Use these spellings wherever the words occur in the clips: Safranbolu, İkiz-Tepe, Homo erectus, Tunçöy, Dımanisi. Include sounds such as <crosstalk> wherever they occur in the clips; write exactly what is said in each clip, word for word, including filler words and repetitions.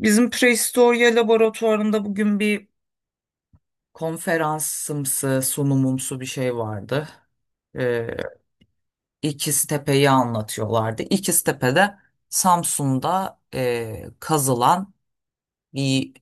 Bizim Prehistoria laboratuvarında bugün bir konferansımsı, sunumumsu bir şey vardı. Ee, i̇kiz anlatıyorlardı. İkiz-Tepe'de Samsun'da e, kazılan bir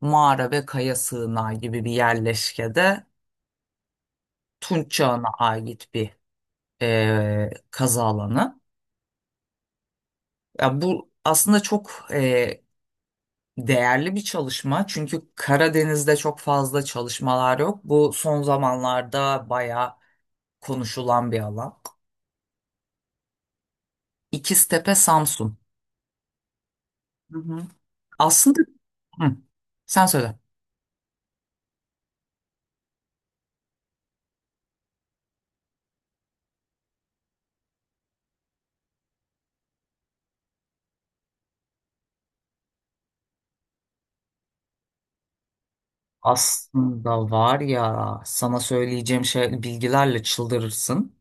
mağara ve kaya sığınağı gibi bir yerleşkede Tunç çağına ait bir e, kazı alanı. Ya bu aslında çok e, Değerli bir çalışma, çünkü Karadeniz'de çok fazla çalışmalar yok. Bu son zamanlarda bayağı konuşulan bir alan. İkiztepe, Samsun. Hı hı. Aslında. Hı, sen söyle. Aslında var ya, sana söyleyeceğim şey bilgilerle çıldırırsın.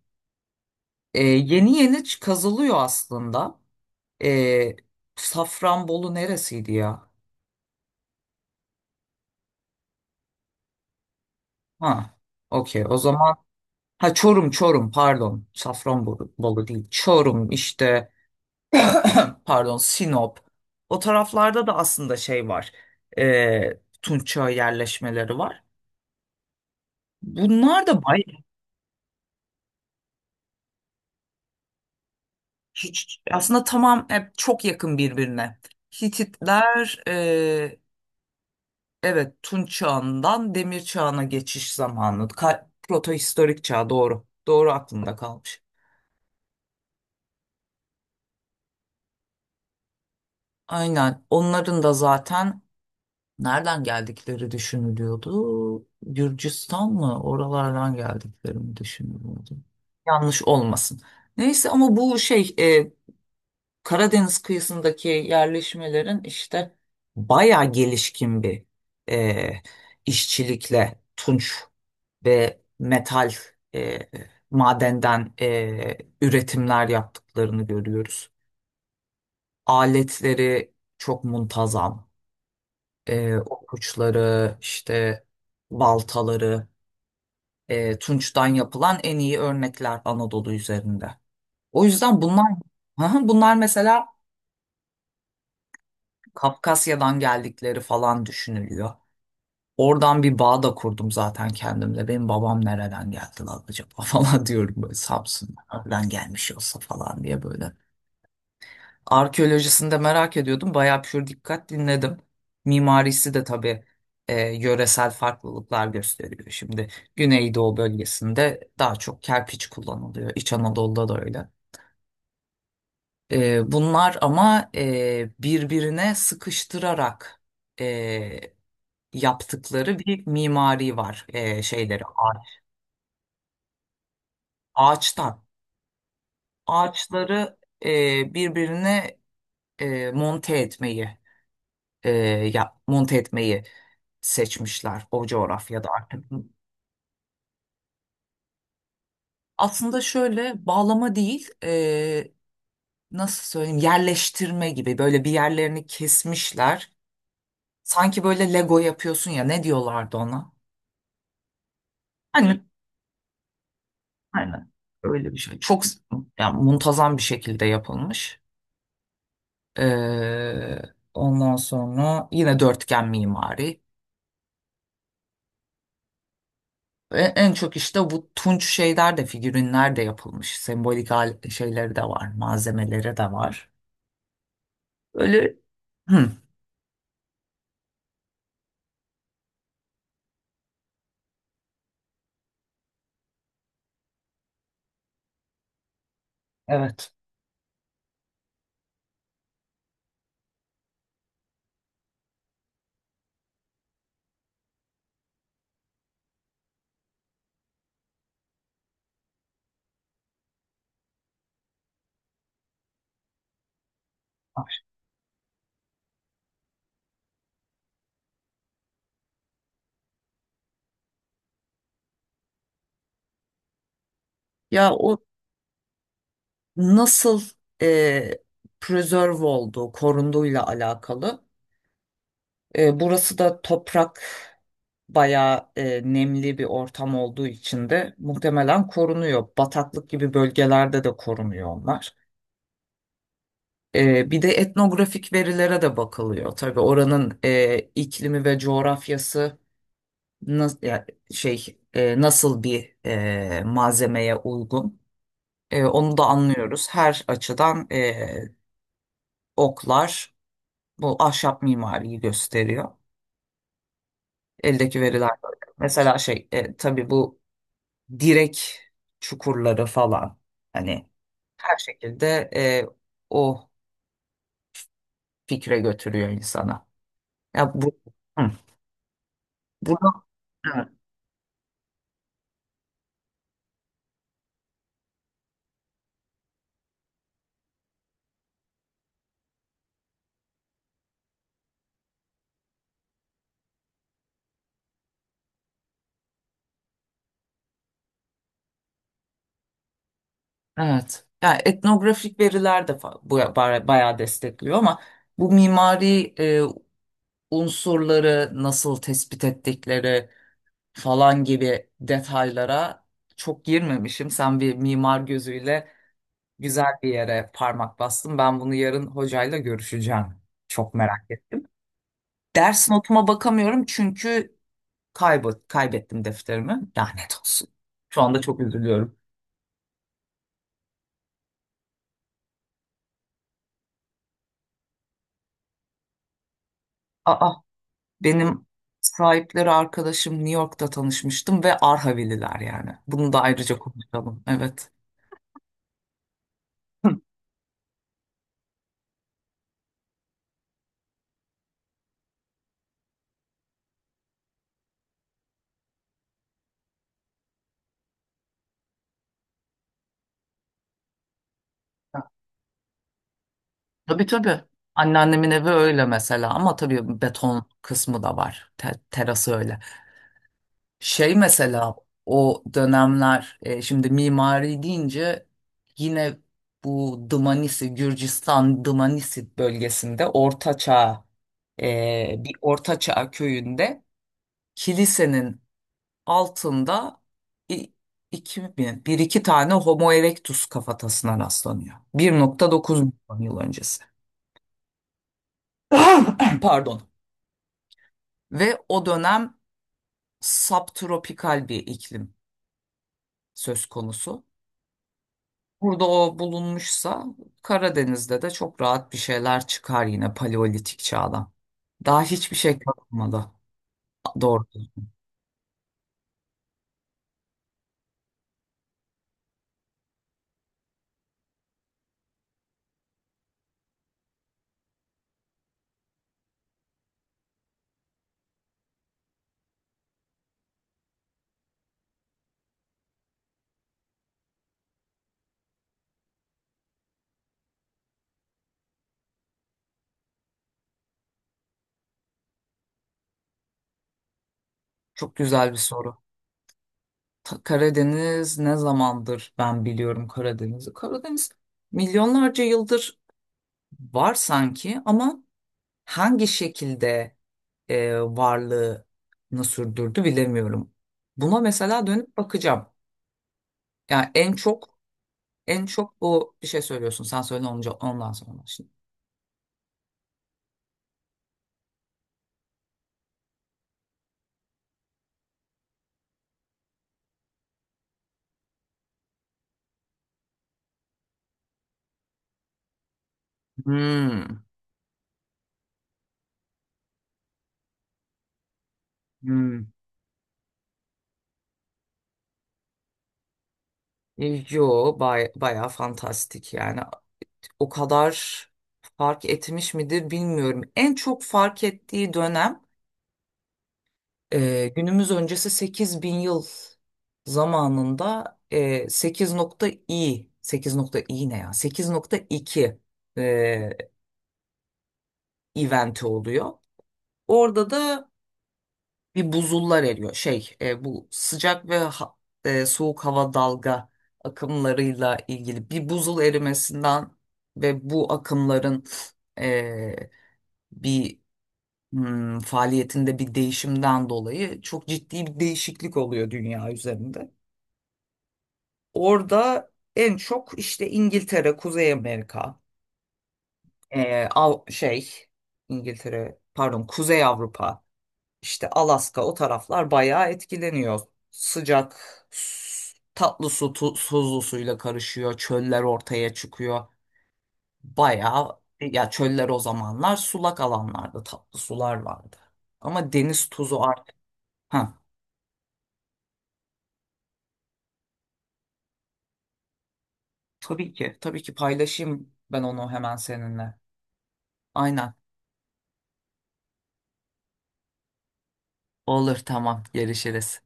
Ee, yeni yeni ç- kazılıyor aslında. Ee, Safranbolu neresiydi ya? Ha, okey o zaman. Ha, Çorum Çorum pardon. Safranbolu Bolu değil. Çorum işte, <clears throat> pardon, Sinop. O taraflarda da aslında şey var. E, Tunçöy yerleşmeleri var. Bunlar da bay hiç aslında, tamam, hep çok yakın birbirine. Hititler e, evet, Tunç çağından Demir çağına geçiş zamanı. Ka protohistorik çağ, doğru. Doğru, aklımda kalmış. Aynen, onların da zaten Nereden geldikleri düşünülüyordu. Gürcistan mı? Oralardan geldikleri mi düşünülüyordu. Yanlış olmasın. Neyse, ama bu şey, e, Karadeniz kıyısındaki yerleşmelerin işte bayağı gelişkin bir e, işçilikle tunç ve metal, e, madenden e, üretimler yaptıklarını görüyoruz. Aletleri çok muntazam, e, okuçları, işte baltaları, e, tunçtan yapılan en iyi örnekler Anadolu üzerinde. O yüzden bunlar <laughs> hı hı, bunlar mesela Kafkasya'dan geldikleri falan düşünülüyor. Oradan bir bağ da kurdum zaten kendimle. Benim babam nereden geldi lan acaba, <laughs> falan diyorum böyle, Samsun'dan gelmiş olsa falan diye böyle. Arkeolojisini de merak ediyordum. Bayağı pür dikkat dinledim. Mimarisi de tabii e, yöresel farklılıklar gösteriyor. Şimdi Güneydoğu bölgesinde daha çok kerpiç kullanılıyor. İç Anadolu'da da öyle. E, bunlar ama e, birbirine sıkıştırarak e, yaptıkları bir mimari var, e, şeyleri ağa- ağaçtan ağaçları e, birbirine e, monte etmeyi e, ya monte etmeyi seçmişler o coğrafyada artık. Aslında şöyle bağlama değil, e, nasıl söyleyeyim, yerleştirme gibi, böyle bir yerlerini kesmişler. Sanki böyle Lego yapıyorsun ya, ne diyorlardı ona? Hani aynen öyle bir şey. Çok, yani muntazam bir şekilde yapılmış. E, ondan sonra yine dörtgen mimari. E, en çok işte bu tunç şeyler de, figürinler de yapılmış. Sembolik hal- şeyleri de var, malzemeleri de var. Öyle. Hı. Evet. Ya o nasıl, e, preserve olduğu, korunduğuyla alakalı. E, burası da toprak bayağı, e, nemli bir ortam olduğu için de muhtemelen korunuyor. Bataklık gibi bölgelerde de korunuyor onlar. E, bir de etnografik verilere de bakılıyor. Tabii oranın e, iklimi ve coğrafyası nas- ya şey, e, nasıl bir e, malzemeye uygun. E, onu da anlıyoruz. Her açıdan oklar bu ahşap mimariyi gösteriyor. Eldeki veriler böyle. Mesela şey, e, tabii bu direk çukurları falan, hani her şekilde e, o fikre götürüyor insana. Ya bu hı, bunu evet. Evet. Yani etnografik veriler de, fa- bu ba- bayağı destekliyor ama bu mimari e, unsurları nasıl tespit ettikleri falan gibi detaylara çok girmemişim. Sen bir mimar gözüyle güzel bir yere parmak bastın. Ben bunu yarın hocayla görüşeceğim. Çok merak ettim. Ders notuma bakamıyorum, çünkü kaybı kaybettim defterimi. Lanet olsun. Şu anda çok üzülüyorum. Aa, benim sahipleri arkadaşım, New York'ta tanışmıştım, ve Arhavililer yani. Bunu da ayrıca konuşalım. Evet. <laughs> Tabii, tabii. Anneannemin evi öyle mesela, ama tabii beton kısmı da var. Te- terası öyle. Şey mesela, o dönemler, e, şimdi mimari deyince, yine bu Dımanisi, Gürcistan Dımanisi bölgesinde, Orta, e, bir Orta köyünde kilisenin altında i- iki mi, bir iki tane Homo erectus kafatasına rastlanıyor. bir nokta dokuz milyon yıl öncesi. <coughs> Pardon. Ve o dönem subtropikal bir iklim söz konusu. Burada o bulunmuşsa, Karadeniz'de de çok rahat bir şeyler çıkar yine Paleolitik çağdan. Daha hiçbir şey kalmadı. Doğru. Çok güzel bir soru. Ta- Karadeniz ne zamandır, ben biliyorum Karadeniz'i. Karadeniz milyonlarca yıldır var sanki, ama hangi şekilde e, varlığını sürdürdü, bilemiyorum. Buna mesela dönüp bakacağım. Yani en çok, en çok bu bir şey söylüyorsun. Sen söyle, onca- ondan sonra şimdi. Hmm. Hmm. Yo, bay, bayağı fantastik yani. O kadar fark etmiş midir bilmiyorum. En çok fark ettiği dönem, e, günümüz öncesi sekiz bin yıl zamanında, e, sekiz.i sekiz.i ne ya? sekiz nokta iki e, eventi oluyor. Orada da bir buzullar eriyor. Şey, e, bu sıcak ve ha- e, soğuk hava dalga akımlarıyla ilgili bir buzul erimesinden ve bu akımların e, bir hmm, faaliyetinde bir değişimden dolayı çok ciddi bir değişiklik oluyor dünya üzerinde. Orada en çok işte İngiltere, Kuzey Amerika, e, Av- şey İngiltere, pardon, Kuzey Avrupa, İşte Alaska, o taraflar bayağı etkileniyor. Sıcak, s- tatlı su tu- tuzlu suyla karışıyor. Çöller ortaya çıkıyor. Bayağı ya, çöller, o zamanlar sulak alanlarda tatlı sular vardı. Ama deniz tuzu artık. Ha, tabii ki, tabii ki paylaşayım ben onu hemen seninle. Aynen. Olur, tamam, görüşürüz.